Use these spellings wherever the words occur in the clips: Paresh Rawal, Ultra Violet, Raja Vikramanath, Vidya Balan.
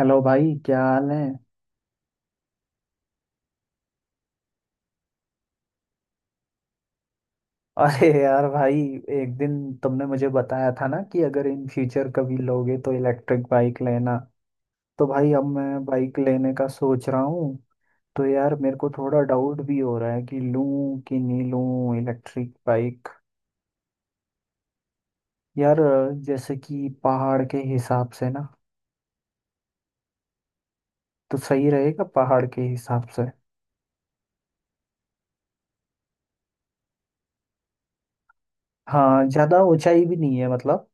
Hello भाई क्या हाल है अरे यार भाई, एक दिन तुमने मुझे बताया था ना कि अगर इन फ्यूचर कभी लोगे तो इलेक्ट्रिक बाइक लेना। तो भाई अब मैं बाइक लेने का सोच रहा हूँ। तो यार मेरे को थोड़ा डाउट भी हो रहा है कि लूँ कि नहीं लूँ इलेक्ट्रिक बाइक। यार जैसे कि पहाड़ के हिसाब से ना, तो सही रहेगा पहाड़ के हिसाब से। हाँ, ज़्यादा ऊंचाई भी नहीं है मतलब।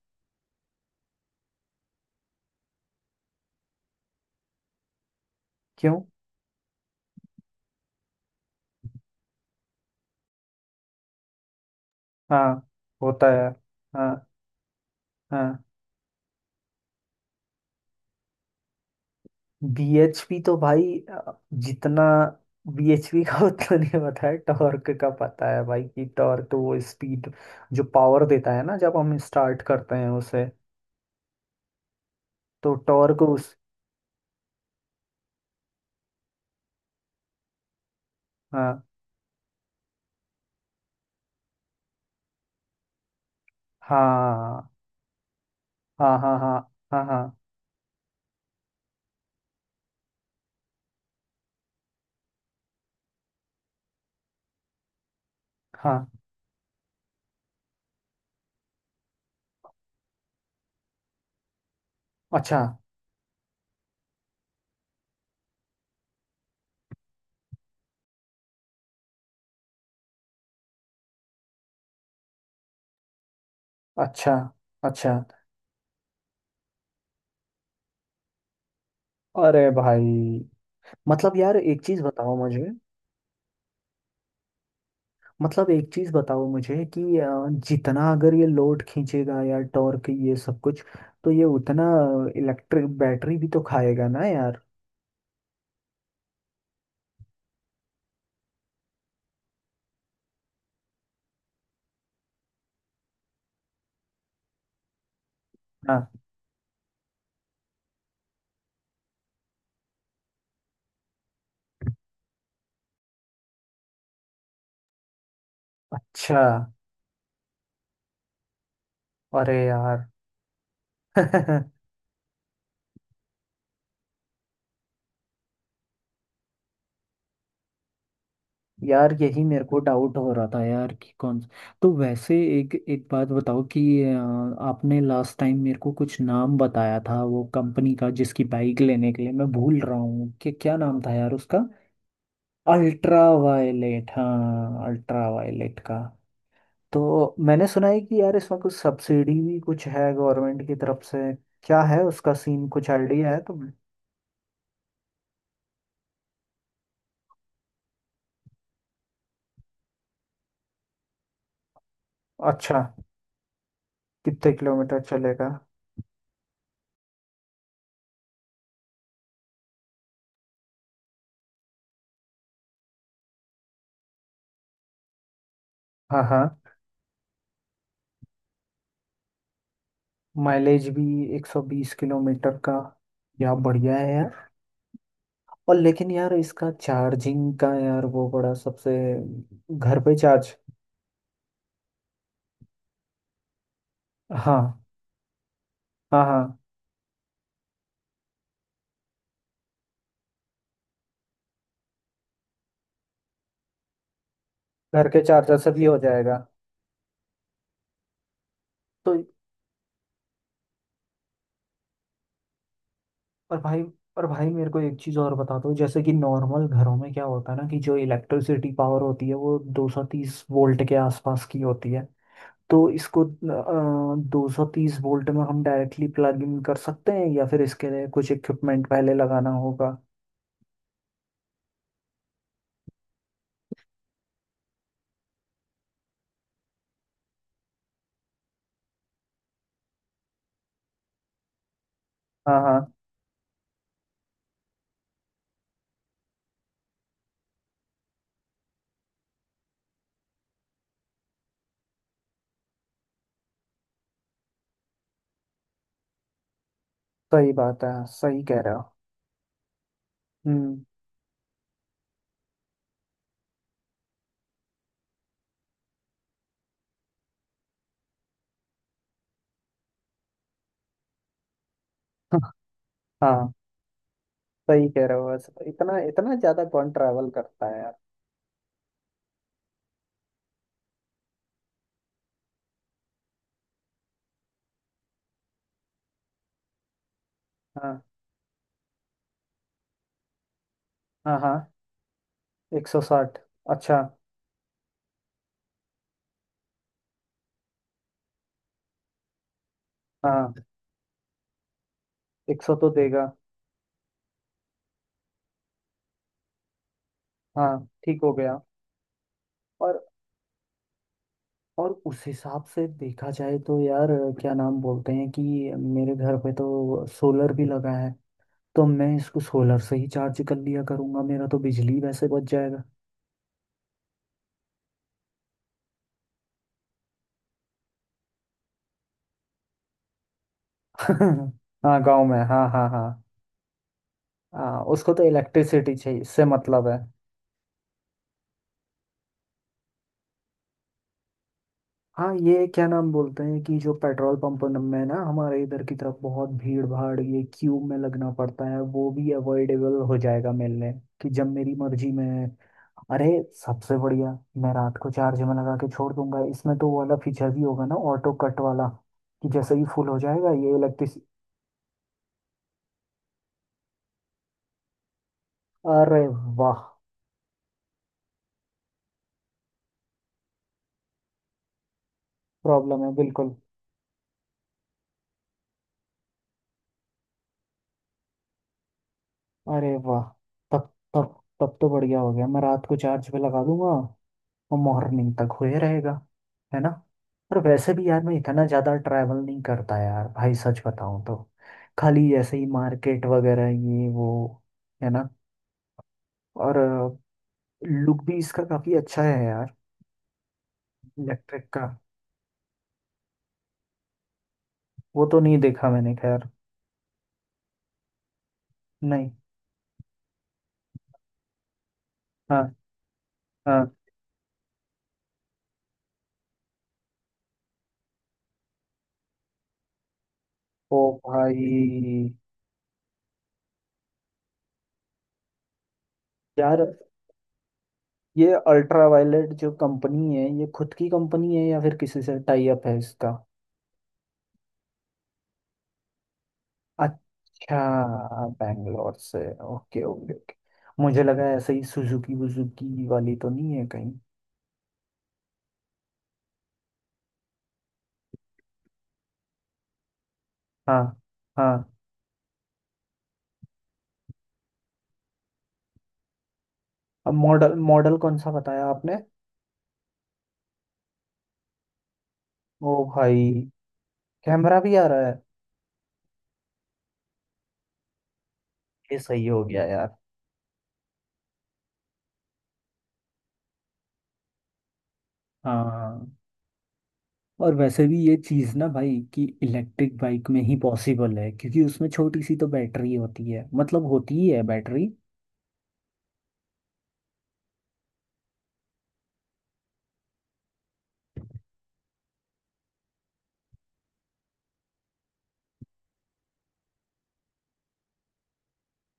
क्यों। हाँ होता है। हाँ हाँ। बीएचपी तो भाई, अ, जितना बीएचपी का उतना नहीं पता है। टॉर्क का पता है भाई कि टॉर्क वो स्पीड जो पावर देता है ना जब हम स्टार्ट करते हैं उसे, तो टॉर्क उस। हाँ हाँ हाँ हाँ। हाँ हाँ हाँ हाँ। अच्छा अच्छा अच्छा। अरे भाई, मतलब यार एक चीज बताओ मुझे। मतलब एक चीज बताओ मुझे कि जितना अगर ये लोड खींचेगा या टॉर्क ये सब कुछ, तो ये उतना इलेक्ट्रिक बैटरी भी तो खाएगा ना यार। हाँ। अच्छा। अरे यार यार यही मेरे को डाउट हो रहा था यार कि कौन। तो वैसे एक एक बात बताओ कि आपने लास्ट टाइम मेरे को कुछ नाम बताया था वो कंपनी का जिसकी बाइक लेने के लिए, मैं भूल रहा हूँ कि क्या नाम था यार उसका। अल्ट्रा वायलेट, हाँ अल्ट्रा वायलेट का। तो मैंने सुना है कि यार इसमें कुछ सब्सिडी भी कुछ है गवर्नमेंट की तरफ से। क्या है उसका सीन, कुछ आइडिया है तुम्हें। अच्छा, कितने किलोमीटर चलेगा। हाँ हाँ। माइलेज भी 120 किलोमीटर का, या बढ़िया है यार। और लेकिन यार इसका चार्जिंग का यार वो बड़ा सबसे, घर पे चार्ज। हाँ हाँ हाँ, घर के चार्जर से भी हो जाएगा। तो, पर भाई, पर भाई मेरे को एक चीज़ और बता दो, जैसे कि नॉर्मल घरों में क्या होता है ना कि जो इलेक्ट्रिसिटी पावर होती है वो 230 वोल्ट के आसपास की होती है। तो इसको 230 वोल्ट में हम डायरेक्टली प्लग इन कर सकते हैं या फिर इसके लिए कुछ इक्विपमेंट पहले लगाना होगा। हाँ हाँ। सही बात है, सही कह रहे हो। हम्म। हाँ, सही कह रहे हो, बस इतना, इतना ज़्यादा कौन ट्रैवल करता है यार। हाँ हाँ हाँ। एक सौ साठ, अच्छा। हाँ, एक सौ तो देगा। हाँ ठीक हो गया। और और उस हिसाब से देखा जाए तो यार, क्या नाम बोलते हैं कि मेरे घर पे तो सोलर भी लगा है, तो मैं इसको सोलर से ही चार्ज कर लिया करूंगा, मेरा तो बिजली वैसे बच जाएगा। हाँ गांव में, हाँ हाँ हाँ। हाँ, उसको तो इलेक्ट्रिसिटी चाहिए, इससे मतलब है। हाँ, ये क्या नाम बोलते हैं कि जो पेट्रोल पंप में ना हमारे इधर की तरफ बहुत भीड़ भाड़ ये क्यू में लगना पड़ता है, वो भी अवॉइडेबल हो जाएगा मिलने, कि जब मेरी मर्जी में। अरे सबसे बढ़िया, मैं रात को चार्ज में लगा के छोड़ दूंगा। इसमें तो वो वाला फीचर भी होगा ना, ऑटो कट वाला, कि जैसे ही फुल हो जाएगा ये इलेक्ट्रिस। अरे वाह, प्रॉब्लम है बिल्कुल। अरे वाह, तब तब तब तो बढ़िया हो गया, मैं रात को चार्ज पे लगा दूंगा और मॉर्निंग तक हुए रहेगा, है ना। और वैसे भी यार मैं इतना ज़्यादा ट्रैवल नहीं करता यार भाई सच बताऊँ तो, खाली ऐसे ही मार्केट वगैरह ये वो, है ना। और लुक भी इसका काफ़ी अच्छा है यार। इलेक्ट्रिक का वो तो नहीं देखा मैंने, खैर। नहीं। हाँ हाँ। ओ भाई। यार ये अल्ट्रा वायलेट जो कंपनी है ये खुद की कंपनी है या फिर किसी से टाई अप है इसका। अच्छा। बैंगलोर से। ओके ओके ओके, मुझे लगा ऐसे ही सुजुकी वुजुकी वाली तो नहीं है कहीं। हाँ हाँ। अब मॉडल मॉडल कौन सा बताया आपने। ओ भाई, कैमरा भी आ रहा है। ये सही हो गया यार। हाँ, और वैसे भी ये चीज़ ना भाई कि इलेक्ट्रिक बाइक में ही पॉसिबल है, क्योंकि उसमें छोटी सी तो बैटरी होती है, मतलब होती ही है बैटरी।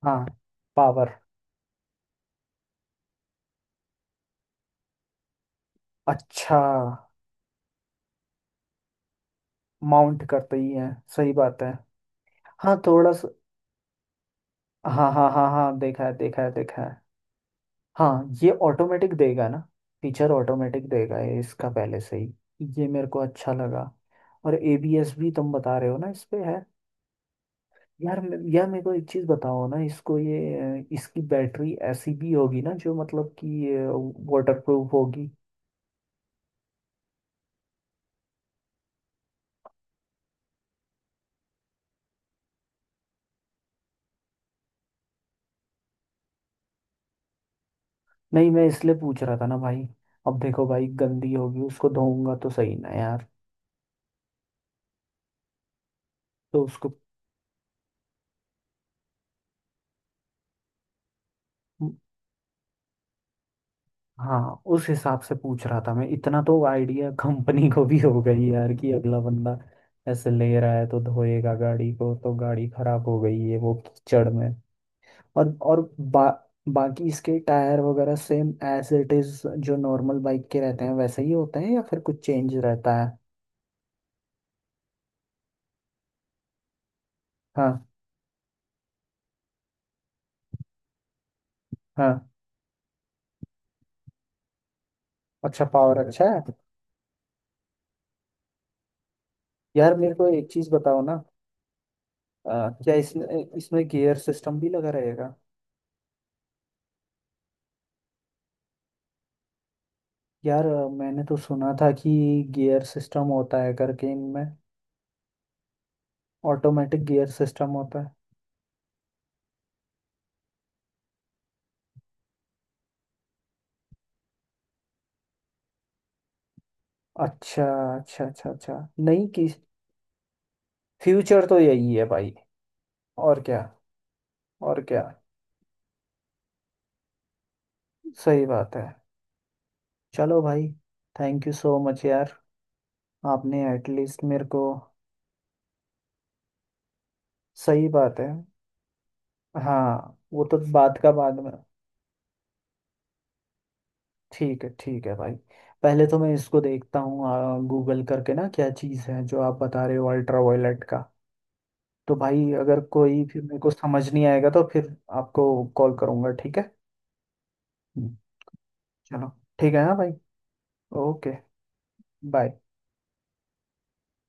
हाँ। पावर अच्छा। माउंट करते ही हैं, सही बात है। हाँ थोड़ा सा। हाँ हाँ हाँ हाँ, देखा है देखा है देखा है। हाँ, ये ऑटोमेटिक देगा ना, फीचर ऑटोमेटिक देगा ये इसका पहले से ही, ये मेरे को अच्छा लगा। और एबीएस भी तुम बता रहे हो ना इस पे है। यार मेरे को एक चीज़ बताओ ना इसको ये, इसकी बैटरी ऐसी भी होगी ना जो मतलब कि वाटर प्रूफ होगी। नहीं मैं इसलिए पूछ रहा था ना भाई, अब देखो भाई गंदी होगी उसको धोऊंगा तो सही ना यार, तो उसको। हाँ उस हिसाब से पूछ रहा था मैं, इतना तो आइडिया कंपनी को भी हो गई यार कि अगला बंदा ऐसे ले रहा है तो धोएगा गाड़ी को, तो गाड़ी खराब हो गई है वो कीचड़ में। और, बाकी इसके टायर वगैरह सेम एज इट इज, जो नॉर्मल बाइक के रहते हैं वैसे ही होते हैं या फिर कुछ चेंज रहता है। हाँ हाँ। अच्छा पावर अच्छा है। यार मेरे को एक चीज बताओ ना, क्या इसमें, इसमें गियर सिस्टम भी लगा रहेगा। यार मैंने तो सुना था कि गियर सिस्टम होता है करके इनमें, ऑटोमेटिक गियर सिस्टम होता है। अच्छा अच्छा अच्छा। अच्छा। नहीं कि, फ्यूचर तो यही है भाई, और क्या, और क्या। सही बात है। चलो भाई, थैंक यू सो मच यार, आपने एटलीस्ट मेरे को। सही बात है। हाँ वो तो बात का बाद में। ठीक है भाई, पहले तो मैं इसको देखता हूँ गूगल करके ना क्या चीज़ है जो आप बता रहे हो अल्ट्रा वायलेट का। तो भाई अगर कोई फिर मेरे को समझ नहीं आएगा तो फिर आपको कॉल करूंगा, ठीक है। हम्म। चलो। ठीक है हाँ भाई। ओके। बाय।